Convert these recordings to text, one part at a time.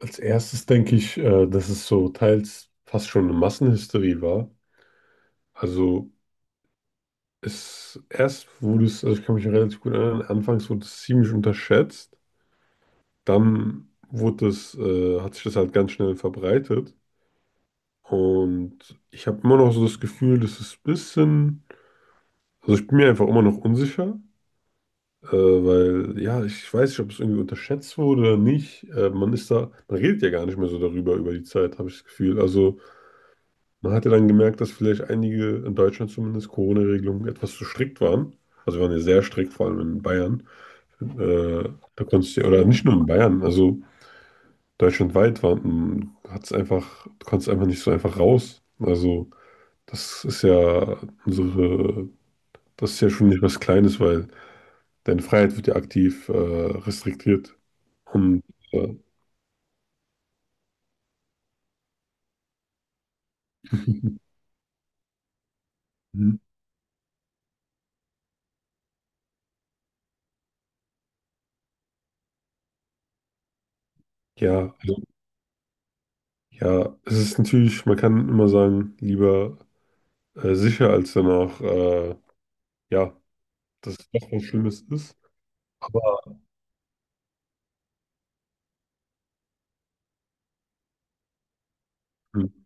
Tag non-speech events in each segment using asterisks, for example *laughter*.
Als erstes denke ich, dass es so teils fast schon eine Massenhysterie war. Also es erst wurde es, also ich kann mich relativ gut erinnern, anfangs wurde es ziemlich unterschätzt. Dann wurde es, hat sich das halt ganz schnell verbreitet. Und ich habe immer noch so das Gefühl, dass es ein also ich bin mir einfach immer noch unsicher, weil ja, ich weiß nicht, ob es irgendwie unterschätzt wurde oder nicht. Man ist da, man redet ja gar nicht mehr so darüber über die Zeit, habe ich das Gefühl. Also, man hatte dann gemerkt, dass vielleicht einige in Deutschland zumindest Corona-Regelungen etwas zu strikt waren. Also wir waren ja sehr strikt, vor allem in Bayern. Äh, Da konntest du, ja, oder nicht nur in Bayern, also deutschlandweit waren, hat's einfach, du konntest einfach nicht so einfach raus. Also das ist ja unsere, das ist ja schon nicht was Kleines, weil deine Freiheit wird ja aktiv restriktiert. Und äh, mhm, ja, also, ja, es ist natürlich, man kann immer sagen, lieber sicher als danach. Ja, dass es doch was Schlimmes ist. Aber hm,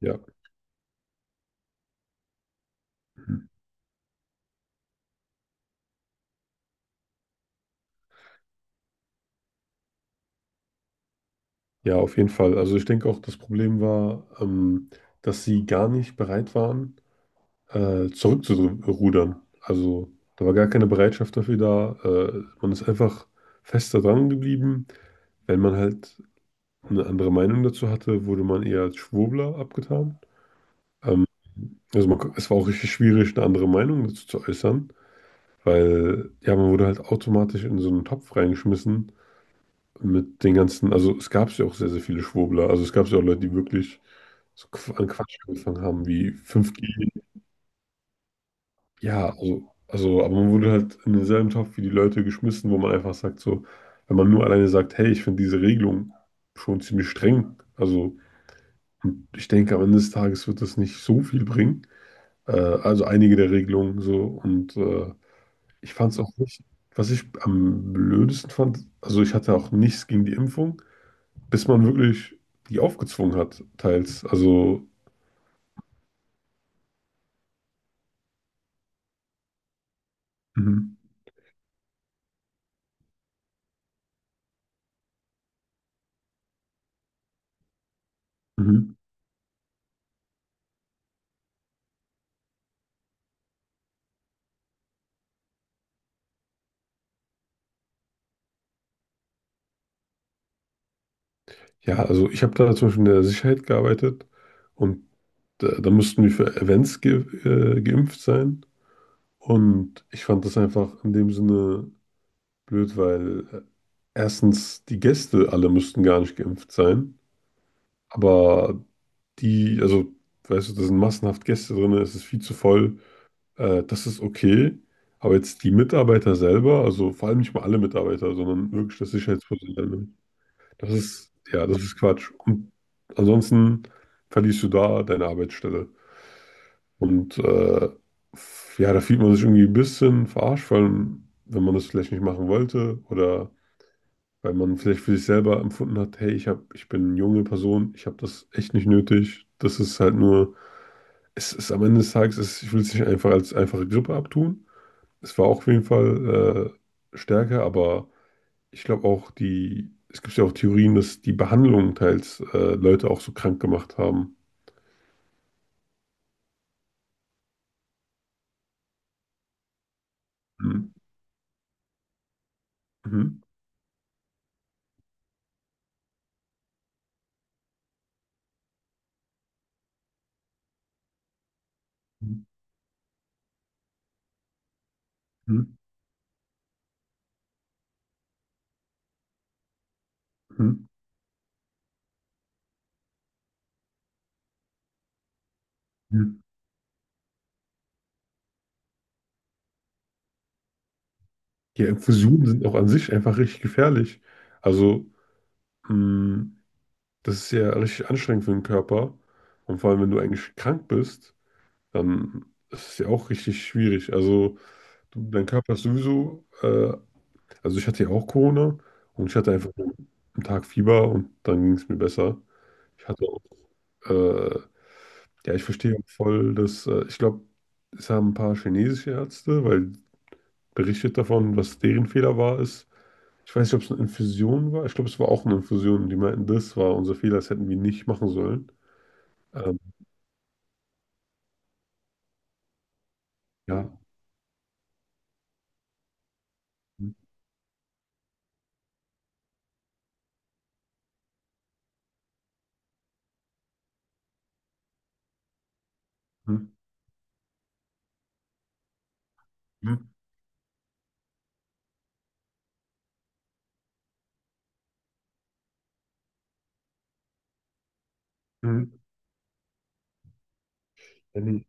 ja, hm, ja, auf jeden Fall. Also ich denke auch, das Problem war, dass sie gar nicht bereit waren, zurückzurudern. Also da war gar keine Bereitschaft dafür da. Man ist einfach fester dran geblieben. Wenn man halt eine andere Meinung dazu hatte, wurde man eher als Schwurbler abgetan. Ähm, also man, es war auch richtig schwierig, eine andere Meinung dazu zu äußern, weil ja, man wurde halt automatisch in so einen Topf reingeschmissen mit den ganzen, also es gab ja auch sehr, sehr viele Schwurbler. Also es gab ja auch Leute, die wirklich an Quatsch angefangen haben, wie fünf g. Ja, aber man wurde halt in denselben Topf wie die Leute geschmissen, wo man einfach sagt, so, wenn man nur alleine sagt, hey, ich finde diese Regelung schon ziemlich streng. Also, und ich denke, am Ende des Tages wird das nicht so viel bringen. Also einige der Regelungen so. Und ich fand es auch nicht, was ich am blödesten fand, also ich hatte auch nichts gegen die Impfung, bis man wirklich die aufgezwungen hat, teils. Also, mhm. Mhm, ja, also ich habe da zum Beispiel in der Sicherheit gearbeitet und da mussten wir für Events ge geimpft sein. Und ich fand das einfach in dem Sinne blöd, weil erstens die Gäste alle mussten gar nicht geimpft sein, aber die, also, weißt du, da sind massenhaft Gäste drin, es ist viel zu voll. Das ist okay, aber jetzt die Mitarbeiter selber, also vor allem nicht mal alle Mitarbeiter, sondern wirklich das Sicherheitspersonal, ne? Das ist, ja, das ist Quatsch. Und ansonsten verlierst du da deine Arbeitsstelle. Und ja, da fühlt man sich irgendwie ein bisschen verarscht, vor allem, wenn man das vielleicht nicht machen wollte oder weil man vielleicht für sich selber empfunden hat, hey, ich bin eine junge Person, ich habe das echt nicht nötig. Das ist halt nur, es ist am Ende des Tages, es, ich will es nicht einfach als einfache Grippe abtun. Es war auch auf jeden Fall stärker, aber ich glaube auch die, es gibt ja auch Theorien, dass die Behandlungen teils Leute auch so krank gemacht haben. Mhm. Mhm. Mhm. Mhm. Mhm. Ja, Infusionen sind auch an sich einfach richtig gefährlich. Also, mh, das ist ja richtig anstrengend für den Körper. Und vor allem, wenn du eigentlich krank bist, dann ist es ja auch richtig schwierig. Also, dein Körper ist sowieso also ich hatte ja auch Corona und ich hatte einfach nur einen Tag Fieber und dann ging es mir besser. Ich hatte auch, äh, ja, ich verstehe auch voll, dass, ich glaube, es haben ein paar chinesische Ärzte, weil berichtet davon, was deren ist. Ich weiß nicht, ob es eine Infusion war. Ich glaube, es war auch eine Infusion. Die meinten, das war unser Fehler, das hätten wir nicht machen sollen. Ähm, ja. Hm, hm, hm, hm. Ja, nee,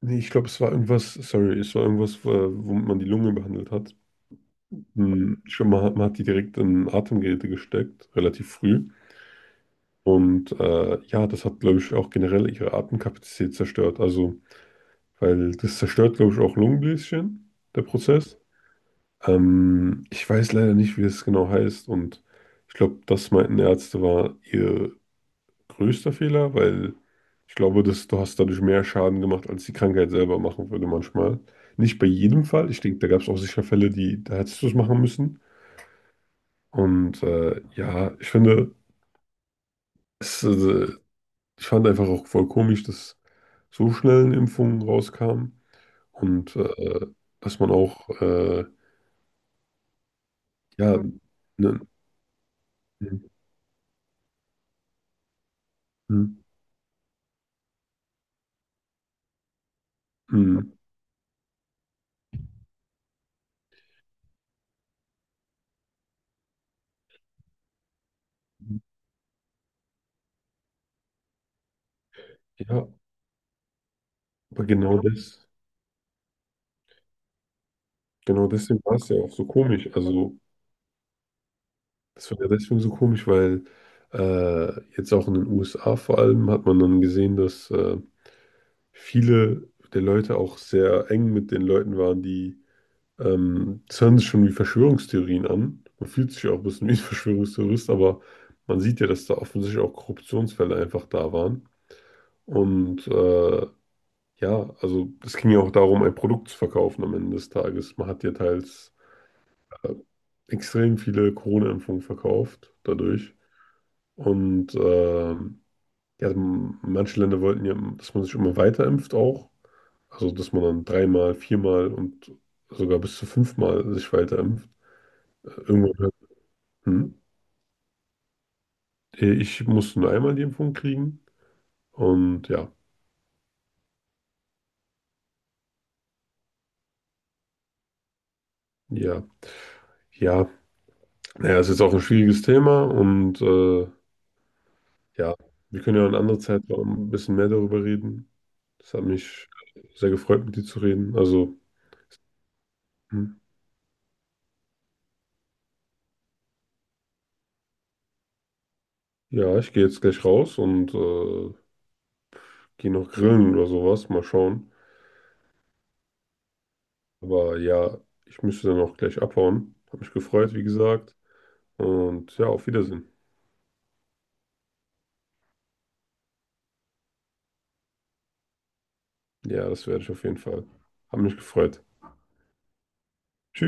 nee, ich glaube, es war irgendwas, sorry, es war irgendwas, womit man die Lunge behandelt hat. Hm, man hat die direkt in Atemgeräte gesteckt, relativ früh. Und ja, das hat, glaube ich, auch generell ihre Atemkapazität zerstört. Also, weil das zerstört, glaube ich, auch Lungenbläschen, der Prozess. Ich weiß leider nicht, wie das genau heißt. Und ich glaube, das meinten Ärzte war ihr größter Fehler, weil ich glaube, dass du hast dadurch mehr Schaden gemacht, als die Krankheit selber machen würde manchmal. Nicht bei jedem Fall. Ich denke, da gab es auch sicher Fälle, da hättest du es machen müssen. Und ja, ich finde, es, äh, ich fand einfach auch voll komisch, dass so schnell eine Impfung rauskam und dass man auch, ja, ne, hm, hm, ja, aber genau das, genau deswegen war es ja auch so komisch. Also, das war ja deswegen so komisch, weil jetzt auch in den USA vor allem hat man dann gesehen, dass viele der Leute auch sehr eng mit den Leuten waren, die. Das hören sich schon wie Verschwörungstheorien an. Man fühlt sich ja auch ein bisschen wie ein *laughs* Verschwörungstheorist, aber man sieht ja, dass da offensichtlich auch Korruptionsfälle einfach da waren. Und ja, also es ging ja auch darum, ein Produkt zu verkaufen am Ende des Tages. Man hat ja teils äh, extrem viele Corona-Impfungen verkauft dadurch. Und ja, manche Länder wollten ja, dass man sich immer weiter impft auch. Also, dass man dann dreimal, viermal und sogar bis zu fünfmal sich weiter impft. Irgendwann hm. Ich musste nur einmal die Impfung kriegen. Und ja, ja, ja. Naja, es ist auch ein schwieriges Thema. Und ja, wir können ja an anderer Zeit noch ein bisschen mehr darüber reden. Das hat mich sehr gefreut, mit dir zu reden. Also, hm, ja, ich gehe jetzt gleich raus und gehe noch grillen oder sowas. Mal schauen. Aber ja, ich müsste dann auch gleich abhauen. Hat mich gefreut, wie gesagt. Und ja, auf Wiedersehen. Ja, das werde ich auf jeden Fall. Hat mich gefreut. Tschüss.